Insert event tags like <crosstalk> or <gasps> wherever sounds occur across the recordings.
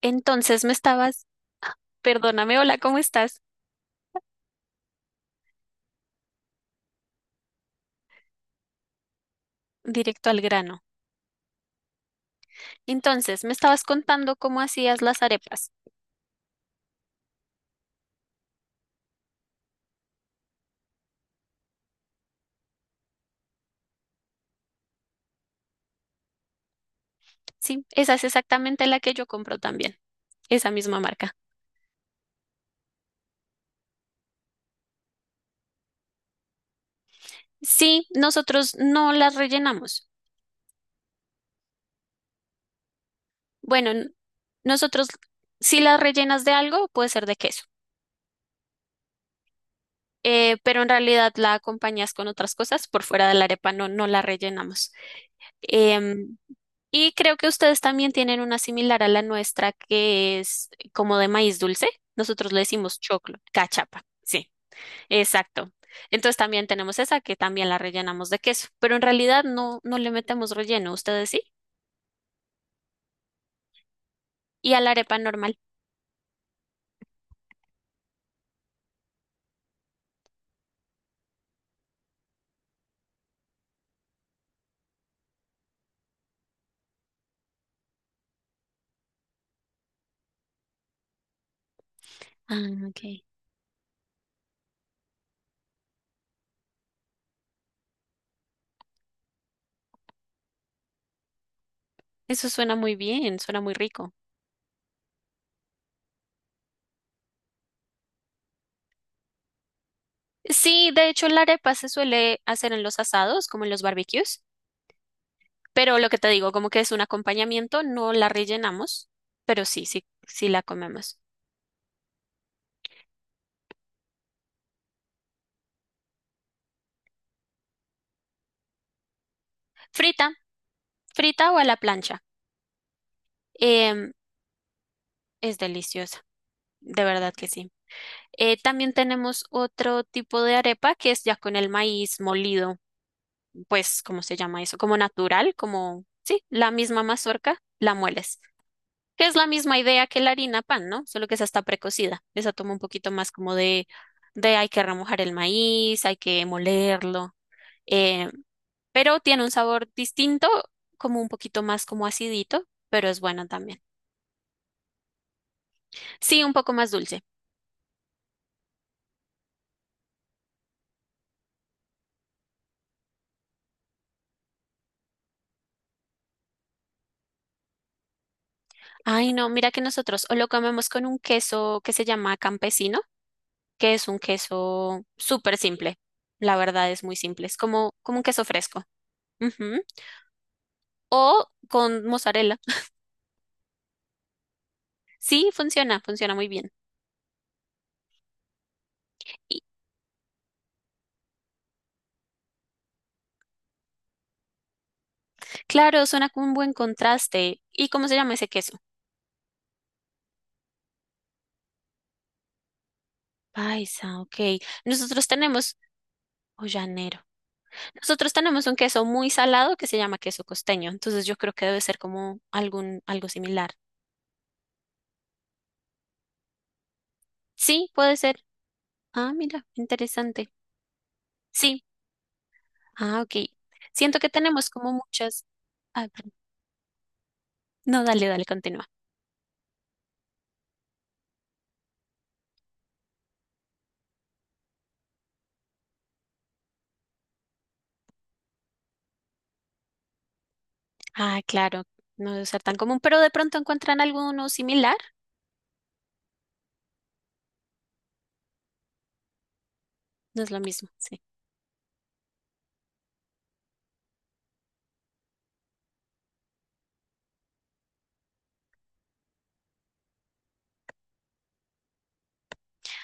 Entonces me estabas, perdóname, hola, ¿cómo estás? Directo al grano. Entonces, me estabas contando cómo hacías las arepas. Sí, esa es exactamente la que yo compro también, esa misma marca. Sí, nosotros no las rellenamos. Bueno, nosotros si las rellenas de algo, puede ser de queso, pero en realidad la acompañas con otras cosas por fuera de la arepa, no, no la rellenamos. Em, Y creo que ustedes también tienen una similar a la nuestra que es como de maíz dulce. Nosotros le decimos choclo, cachapa. Sí, exacto. Entonces también tenemos esa que también la rellenamos de queso, pero en realidad no, no le metemos relleno, ustedes sí. Y a la arepa normal. Ah, ok. Eso suena muy bien, suena muy rico. Sí, de hecho la arepa se suele hacer en los asados, como en los barbecues, pero lo que te digo, como que es un acompañamiento, no la rellenamos, pero sí, sí, sí la comemos. Frita, frita o a la plancha. Em, es deliciosa, de verdad que sí. También tenemos otro tipo de arepa que es ya con el maíz molido, pues, ¿cómo se llama eso? Como natural, como, sí, la misma mazorca, la mueles. Que es la misma idea que la harina pan, ¿no? Solo que esa está precocida. Esa toma un poquito más como de hay que remojar el maíz, hay que molerlo. eh, pero tiene un sabor distinto, como un poquito más como acidito, pero es bueno también. Sí, un poco más dulce. Ay, no, mira que nosotros o lo comemos con un queso que se llama campesino, que es un queso súper simple. La verdad es muy simple, es como, como un queso fresco. Ujú. O con mozzarella. <laughs> Sí, funciona, funciona muy bien. Y claro, suena como un buen contraste. ¿Y cómo se llama ese queso? Paisa, ok. Nosotros tenemos, o llanero. Nosotros tenemos un queso muy salado que se llama queso costeño, entonces yo creo que debe ser como algún, algo similar. Sí, puede ser. Ah, mira, interesante. Sí, ah, ok. Siento que tenemos como muchas. Ah, perdón. No, dale, dale, continúa. Ah, claro, no debe ser tan común, pero de pronto encuentran alguno similar. No es lo mismo, sí.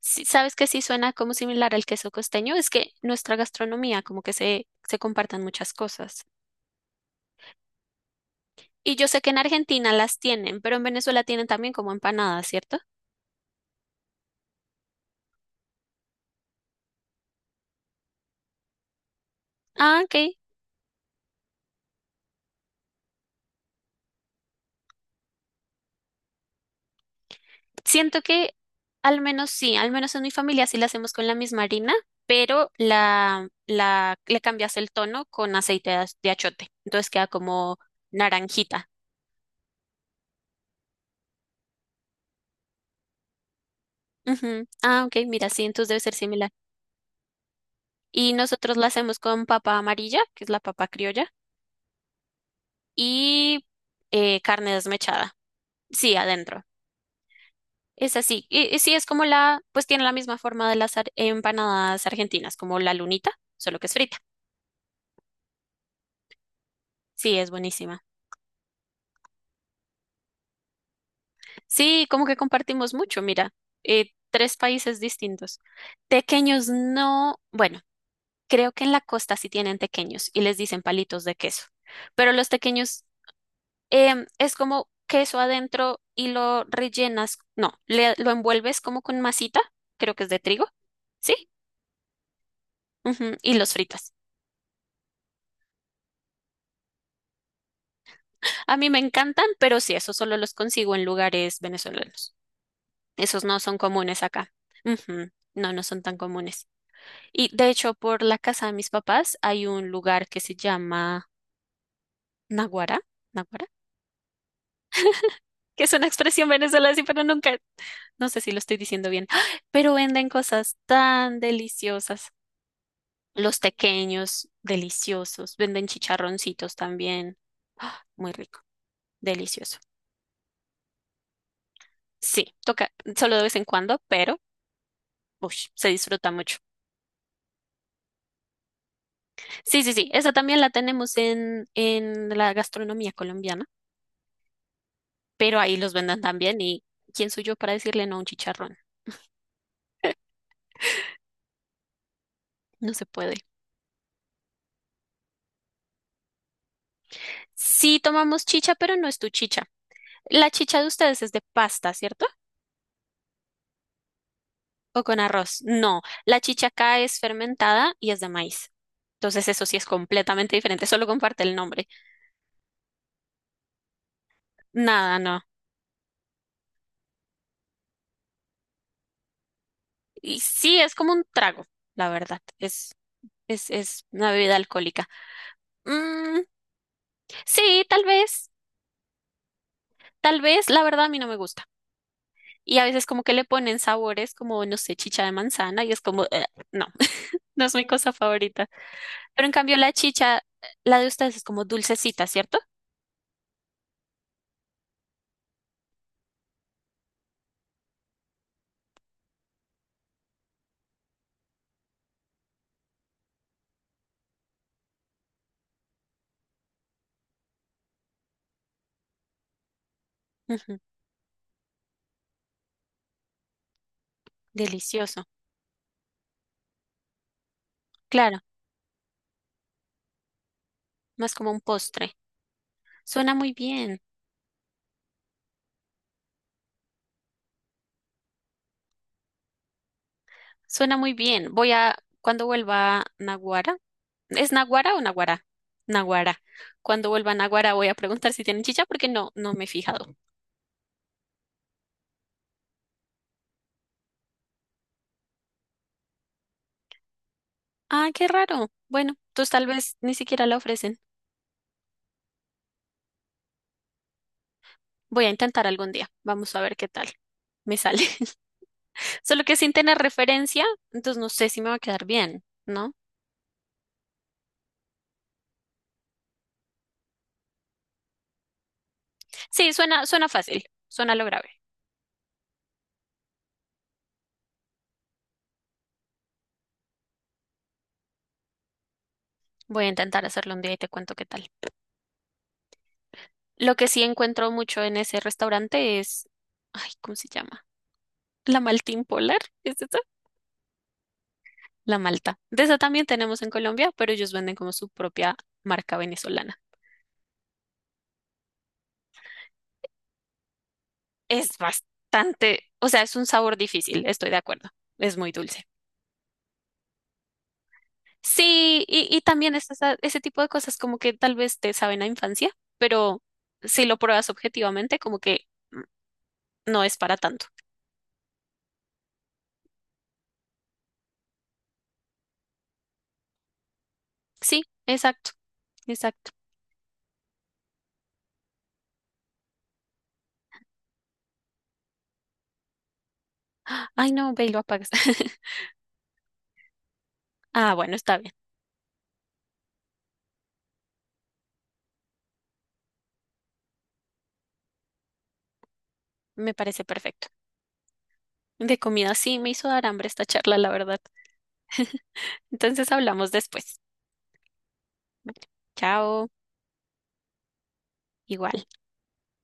Sí, ¿sabes que sí suena como similar al queso costeño? Es que nuestra gastronomía, como que se compartan muchas cosas. Y yo sé que en Argentina las tienen, pero en Venezuela tienen también como empanadas, ¿cierto? Ah, ok. Siento que al menos sí, al menos en mi familia sí la hacemos con la misma harina, pero le cambias el tono con aceite de achiote. Entonces queda como naranjita. Ujú. Ah, ok, mira, sí, entonces debe ser similar. Y nosotros la hacemos con papa amarilla, que es la papa criolla, y carne desmechada. Sí, adentro. Es así. Y sí, es como la, pues tiene la misma forma de las empanadas argentinas, como la lunita, solo que es frita. Sí, es buenísima. Sí, como que compartimos mucho, mira, tres países distintos. Tequeños no, bueno, creo que en la costa sí tienen tequeños y les dicen palitos de queso, pero los tequeños es como queso adentro y lo rellenas, no, lo envuelves como con masita, creo que es de trigo, ¿sí? Ujú, y los fritas. A mí me encantan, pero sí, esos solo los consigo en lugares venezolanos. Esos no son comunes acá. Ujú, no, no son tan comunes. Y de hecho, por la casa de mis papás hay un lugar que se llama Naguará, Naguará, que es una expresión venezolana, sí, pero nunca, no sé si lo estoy diciendo bien, <gasps> pero venden cosas tan deliciosas. Los tequeños, deliciosos. Venden chicharroncitos también. ¡Ah! Muy rico, delicioso. Sí, toca solo de vez en cuando, pero ush, se disfruta mucho. Sí, sí, sí, esa también la tenemos en la gastronomía colombiana. Pero ahí los venden también y ¿quién soy yo para decirle no a un chicharrón? No se puede. Sí tomamos chicha, pero no es tu chicha. La chicha de ustedes es de pasta, ¿cierto? ¿O con arroz? No, la chicha acá es fermentada y es de maíz. Entonces eso sí es completamente diferente, solo comparte el nombre. Nada, no. Y sí, es como un trago, la verdad. Es una bebida alcohólica. Mm, sí, tal vez, la verdad a mí no me gusta. Y a veces como que le ponen sabores como, no sé, chicha de manzana y es como, no, <laughs> no es mi cosa favorita". Pero en cambio la chicha, la de ustedes es como dulcecita, ¿cierto? Ujú, delicioso. Claro, más como un postre. Suena muy bien, suena muy bien. Voy a, cuando vuelva a Naguara, ¿es Naguara o Naguará? Naguará. Cuando vuelva a Naguará voy a preguntar si tienen chicha porque no, no me he fijado. Ah, qué raro. Bueno, entonces tal vez ni siquiera la ofrecen. Voy a intentar algún día. Vamos a ver qué tal me sale. <laughs> Solo que sin tener referencia, entonces no sé si me va a quedar bien, ¿no? Sí, suena, suena fácil, suena lo grave. Voy a intentar hacerlo un día y te cuento qué tal. Lo que sí encuentro mucho en ese restaurante es, ay, ¿cómo se llama? La malta impolar, ¿es esa? La malta. De esa también tenemos en Colombia, pero ellos venden como su propia marca venezolana. Es bastante, o sea, es un sabor difícil, estoy de acuerdo. Es muy dulce. Sí, y también es ese tipo de cosas como que tal vez te saben a infancia, pero si lo pruebas objetivamente, como que mm, no es para tanto. Sí, exacto, exacto. ¡Ah! Ay, no, ve y lo apagas. <laughs> Ah, bueno, está bien. Me parece perfecto. De comida sí me hizo dar hambre esta charla, la verdad. Entonces hablamos después. Chao, igual.